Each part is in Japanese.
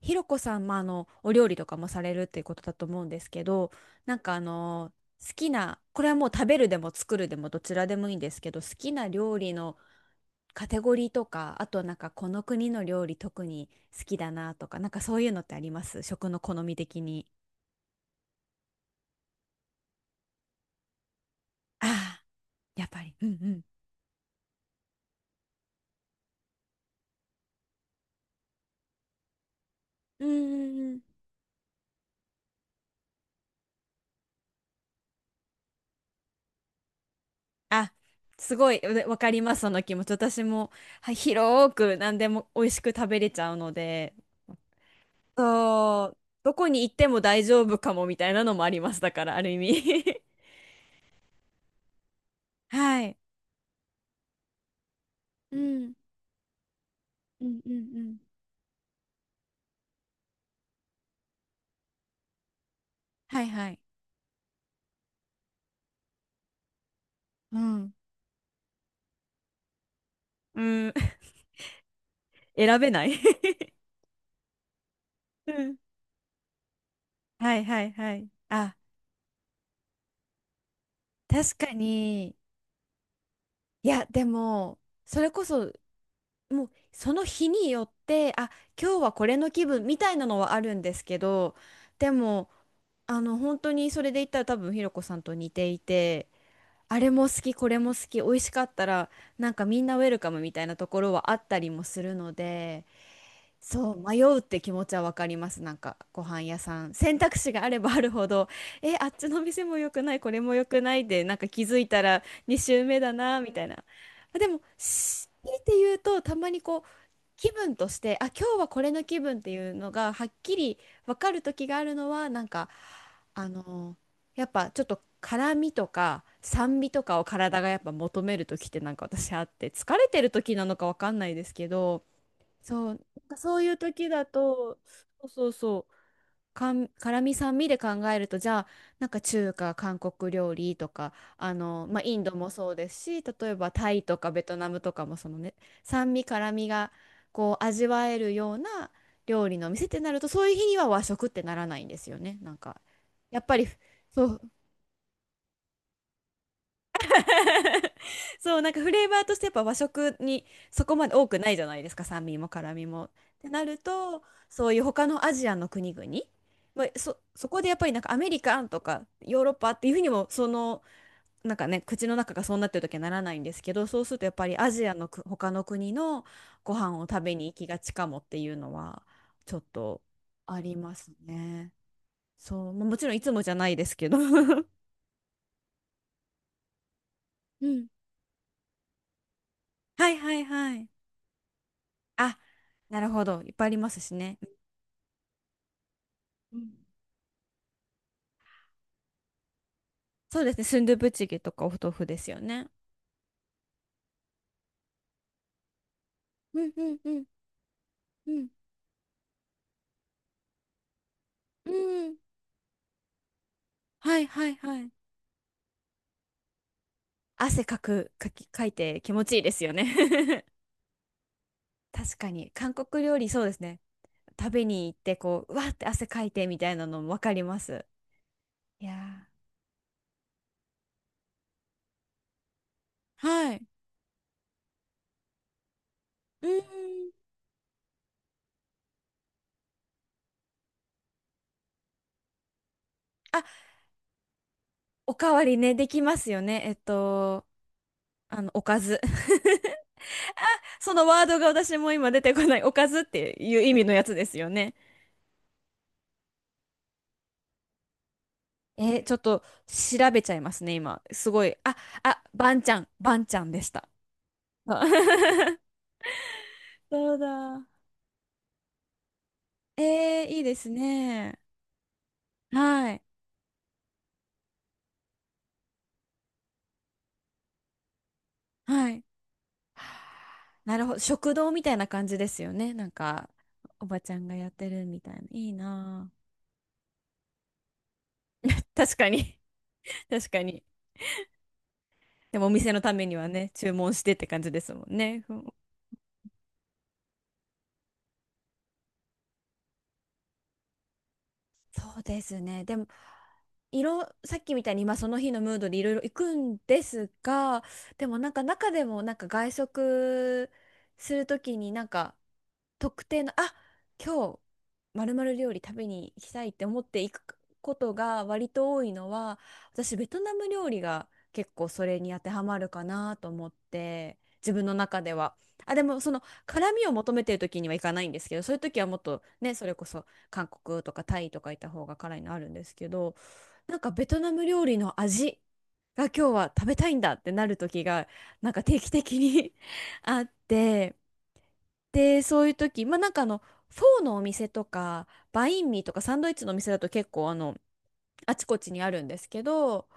ひろこさん、お料理とかもされるっていうことだと思うんですけど、なんかあの、好きな、これはもう食べるでも作るでもどちらでもいいんですけど、好きな料理のカテゴリーとか、あとはなんかこの国の料理特に好きだなとか、なんかそういうのってあります食の好み的に。ああ、やっぱり。うんうん。うんうんうん。あ、すごい、わわかります、その気持ち。私も、はい、広く何でも美味しく食べれちゃうので。そう、どこに行っても大丈夫かもみたいなのもあります。だから、ある意味 はい。うん。うんうんうん。はいはい。うん。うん、選べない うんはいはいはい。あ、確かに。いや、でも、それこそ、もう、その日によって、あ、今日はこれの気分みたいなのはあるんですけど、でも、本当にそれで言ったら多分、ひろこさんと似ていて、あれも好き、これも好き、美味しかったら、なんかみんなウェルカムみたいなところはあったりもするので、そう、迷うって気持ちはわかります。なんかご飯屋さん。選択肢があればあるほど、え、あっちの店も良くない、これも良くないで、なんか気づいたら2周目だな、みたいな。あでも、強いて言うと、たまにこう、気分としてあ今日はこれの気分っていうのがはっきり分かる時があるのはなんかあのやっぱちょっと辛みとか酸味とかを体がやっぱ求める時ってなんか私あって疲れてる時なのか分かんないですけど、そう、なんかそういう時だと、そうそうそう、辛味酸味で考えるとじゃあなんか中華韓国料理とか、まあ、インドもそうですし例えばタイとかベトナムとかもそのね、酸味辛味がこう味わえるような料理のお店ってなるとそういう日には和食ってならないんですよね。なんかやっぱり、そうそう、なんかフレーバーとしてやっぱ和食にそこまで多くないじゃないですか、酸味も辛味も。ってなると、そういう他のアジアの国々、まあ、そこでやっぱりなんかアメリカンとかヨーロッパっていうふうにも、その、なんかね、口の中がそうなってる時はならないんですけど、そうするとやっぱりアジアの他の国のご飯を食べに行きがちかもっていうのは、ちょっとありますね。そう、まあ、もちろんいつもじゃないですけど。うん。はいはいはい。あなるほど。いっぱいありますしね。そうですね。スンドゥブチゲとかお豆腐ですよね。うんうんうんうん。うん。はいはいはい。汗かく、かき、かいて気持ちいいですよね。確かに。韓国料理そうですね。食べに行ってこう、うわーって汗かいてみたいなのもわかります。いやー。はい。うん。あ、おかわりね、できますよね。おかず。そのワードが私も今出てこない。おかずっていう意味のやつですよね。えーちょっと調べちゃいますね、今。すごい。あ、バンちゃん、バンちゃんでした。あ そうだ。えー、いいですね。はい。はい。なるほど。食堂みたいな感じですよね。なんか、おばちゃんがやってるみたいな。いいなあ。確かに。確かに。でもお店のためにはね、注文してって感じですもんね。そうですね。でも、さっきみたいに今その日のムードでいろいろ行くんですが、でもなんか中でもなんか外食するときになんか特定の、あ、今日まるまる料理食べに行きたいって思って行くことが割と多いのは、私ベトナム料理が結構それに当てはまるかなと思って、自分の中では。あ、でもその辛みを求めてる時にはいかないんですけど、そういう時はもっとね、それこそ韓国とかタイとかいた方が辛いのあるんですけど、なんかベトナム料理の味が今日は食べたいんだってなる時がなんか定期的に あって、でそういう時、まあ、フォーのお店とかバインミーとかサンドイッチのお店だと結構あちこちにあるんですけど、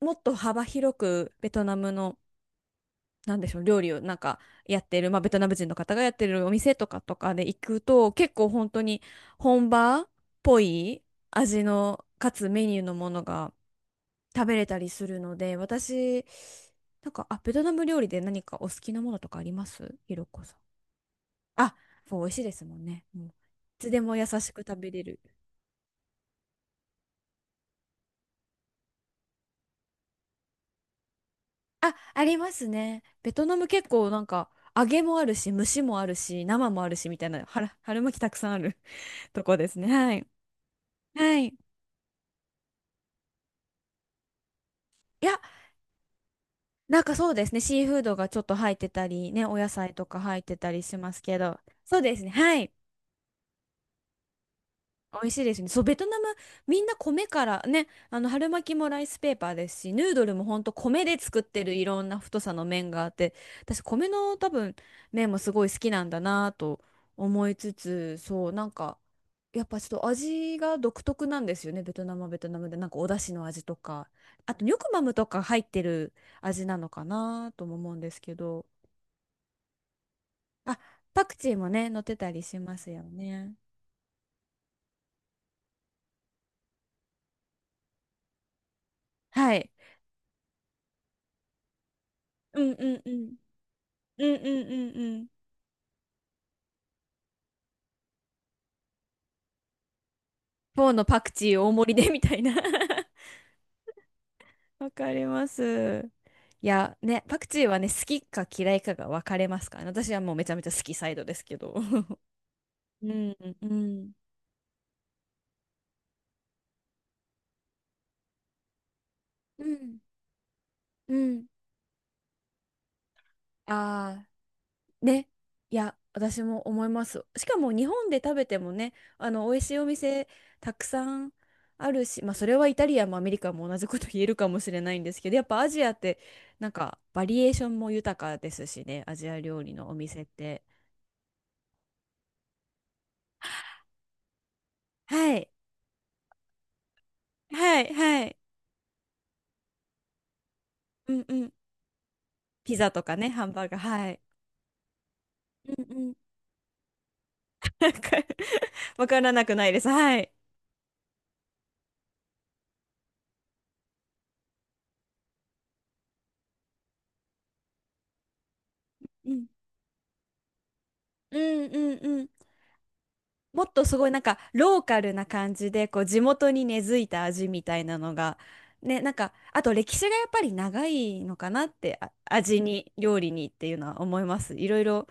もっと幅広くベトナムの、なんでしょう、料理をなんかやってる、まあ、ベトナム人の方がやってるお店とかで行くと、結構本当に本場っぽい味の、かつメニューのものが食べれたりするので、私、なんか、あ、ベトナム料理で何かお好きなものとかありますひろこさん。あ、そう美味しいですもんね。もういつでも優しく食べれる。あ、ありますね。ベトナム結構なんか、揚げもあるし、蒸しもあるし、生もあるし、みたいな、春巻きたくさんある とこですね。はい。はい。いや、なんかそうですね。シーフードがちょっと入ってたり、ね、お野菜とか入ってたりしますけど。そうですね。はい。美味しいですね。そう、ベトナム、みんな米からね、春巻きもライスペーパーですし、ヌードルもほんと米で作ってるいろんな太さの麺があって、私、米の多分、麺もすごい好きなんだなと思いつつ、そう、なんか、やっぱちょっと味が独特なんですよね、ベトナムはベトナムで。なんかお出汁の味とか、あと、ニョクマムとか入ってる味なのかなとも思うんですけど、あ、パクチーもね、乗ってたりしますよね。はい。うんうんうん。うんうんうんうん。ーのパクチー大盛りでみたいな わかります。いや、ね、パクチーはね、好きか嫌いかが分かれますからね。私はもうめちゃめちゃ好きサイドですけど。うん、うん、うん、うん。ああ、ね。いや、私も思います。しかも日本で食べてもね、美味しいお店たくさんあるし、まあ、それはイタリアもアメリカも同じこと言えるかもしれないんですけど、やっぱアジアって、なんか、バリエーションも豊かですしね、アジア料理のお店って。はい。はい。はい。うんうん。ピザとかね、ハンバーガー。はい。うんうん。なんか わからなくないです。はい。うん。うんうんうん。もっとすごいなんかローカルな感じでこう地元に根付いた味みたいなのがね、なんかあと歴史がやっぱり長いのかなって、あ、味に、料理にっていうのは思います。いろいろ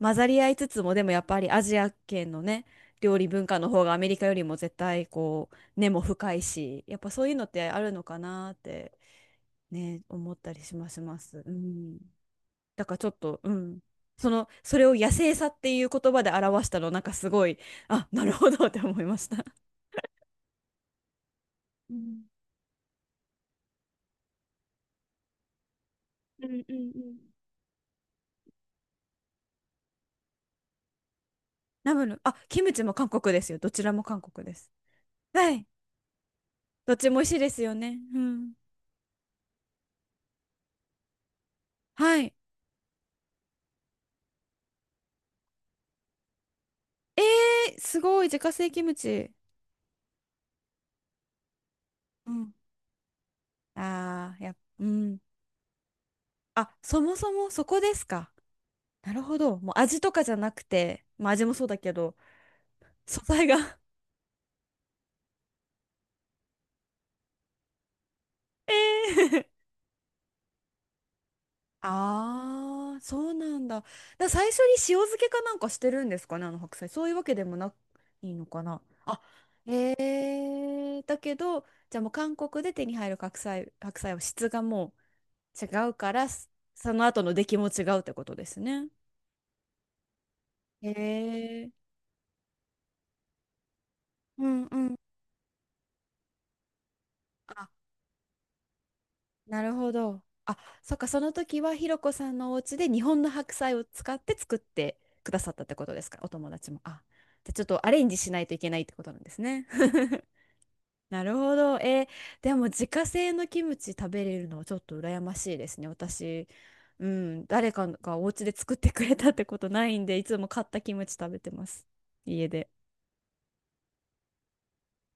混ざり合いつつも、でもやっぱりアジア圏のね、料理文化の方がアメリカよりも絶対こう根も深いしやっぱそういうのってあるのかなってね、思ったりします。うん、だからちょっと、うん、そのそれを野生さっていう言葉で表したのなんかすごい、あなるほどって思いました。うんうんうんうん。ナムル、あ、キムチも韓国ですよ。どちらも韓国です。はい。どっちも美味しいですよね。うん。はい。えー、すごい、自家製キムチ。うんああ、やっ、うん。あ、そもそもそこですか。なるほど。もう味とかじゃなくて、まあ味もそうだけど、素材が ええ ああ、そうなんだ。だから最初に塩漬けかなんかしてるんですかね、あの白菜。そういうわけでもないのかな。あ、ええだけど、じゃあもう韓国で手に入る白菜、白菜は質がもう違うから、その後の出来も違うってことですね。ええうんうん。なるほど。あ、そっか、その時はひろこさんのお家で日本の白菜を使って作ってくださったってことですか、お友達も。あ、じゃあちょっとアレンジしないといけないってことなんですね。なるほど。えーでも自家製のキムチ食べれるのはちょっと羨ましいですね。私、うん、誰かがお家で作ってくれたってことないんで、いつも買ったキムチ食べてます。家で。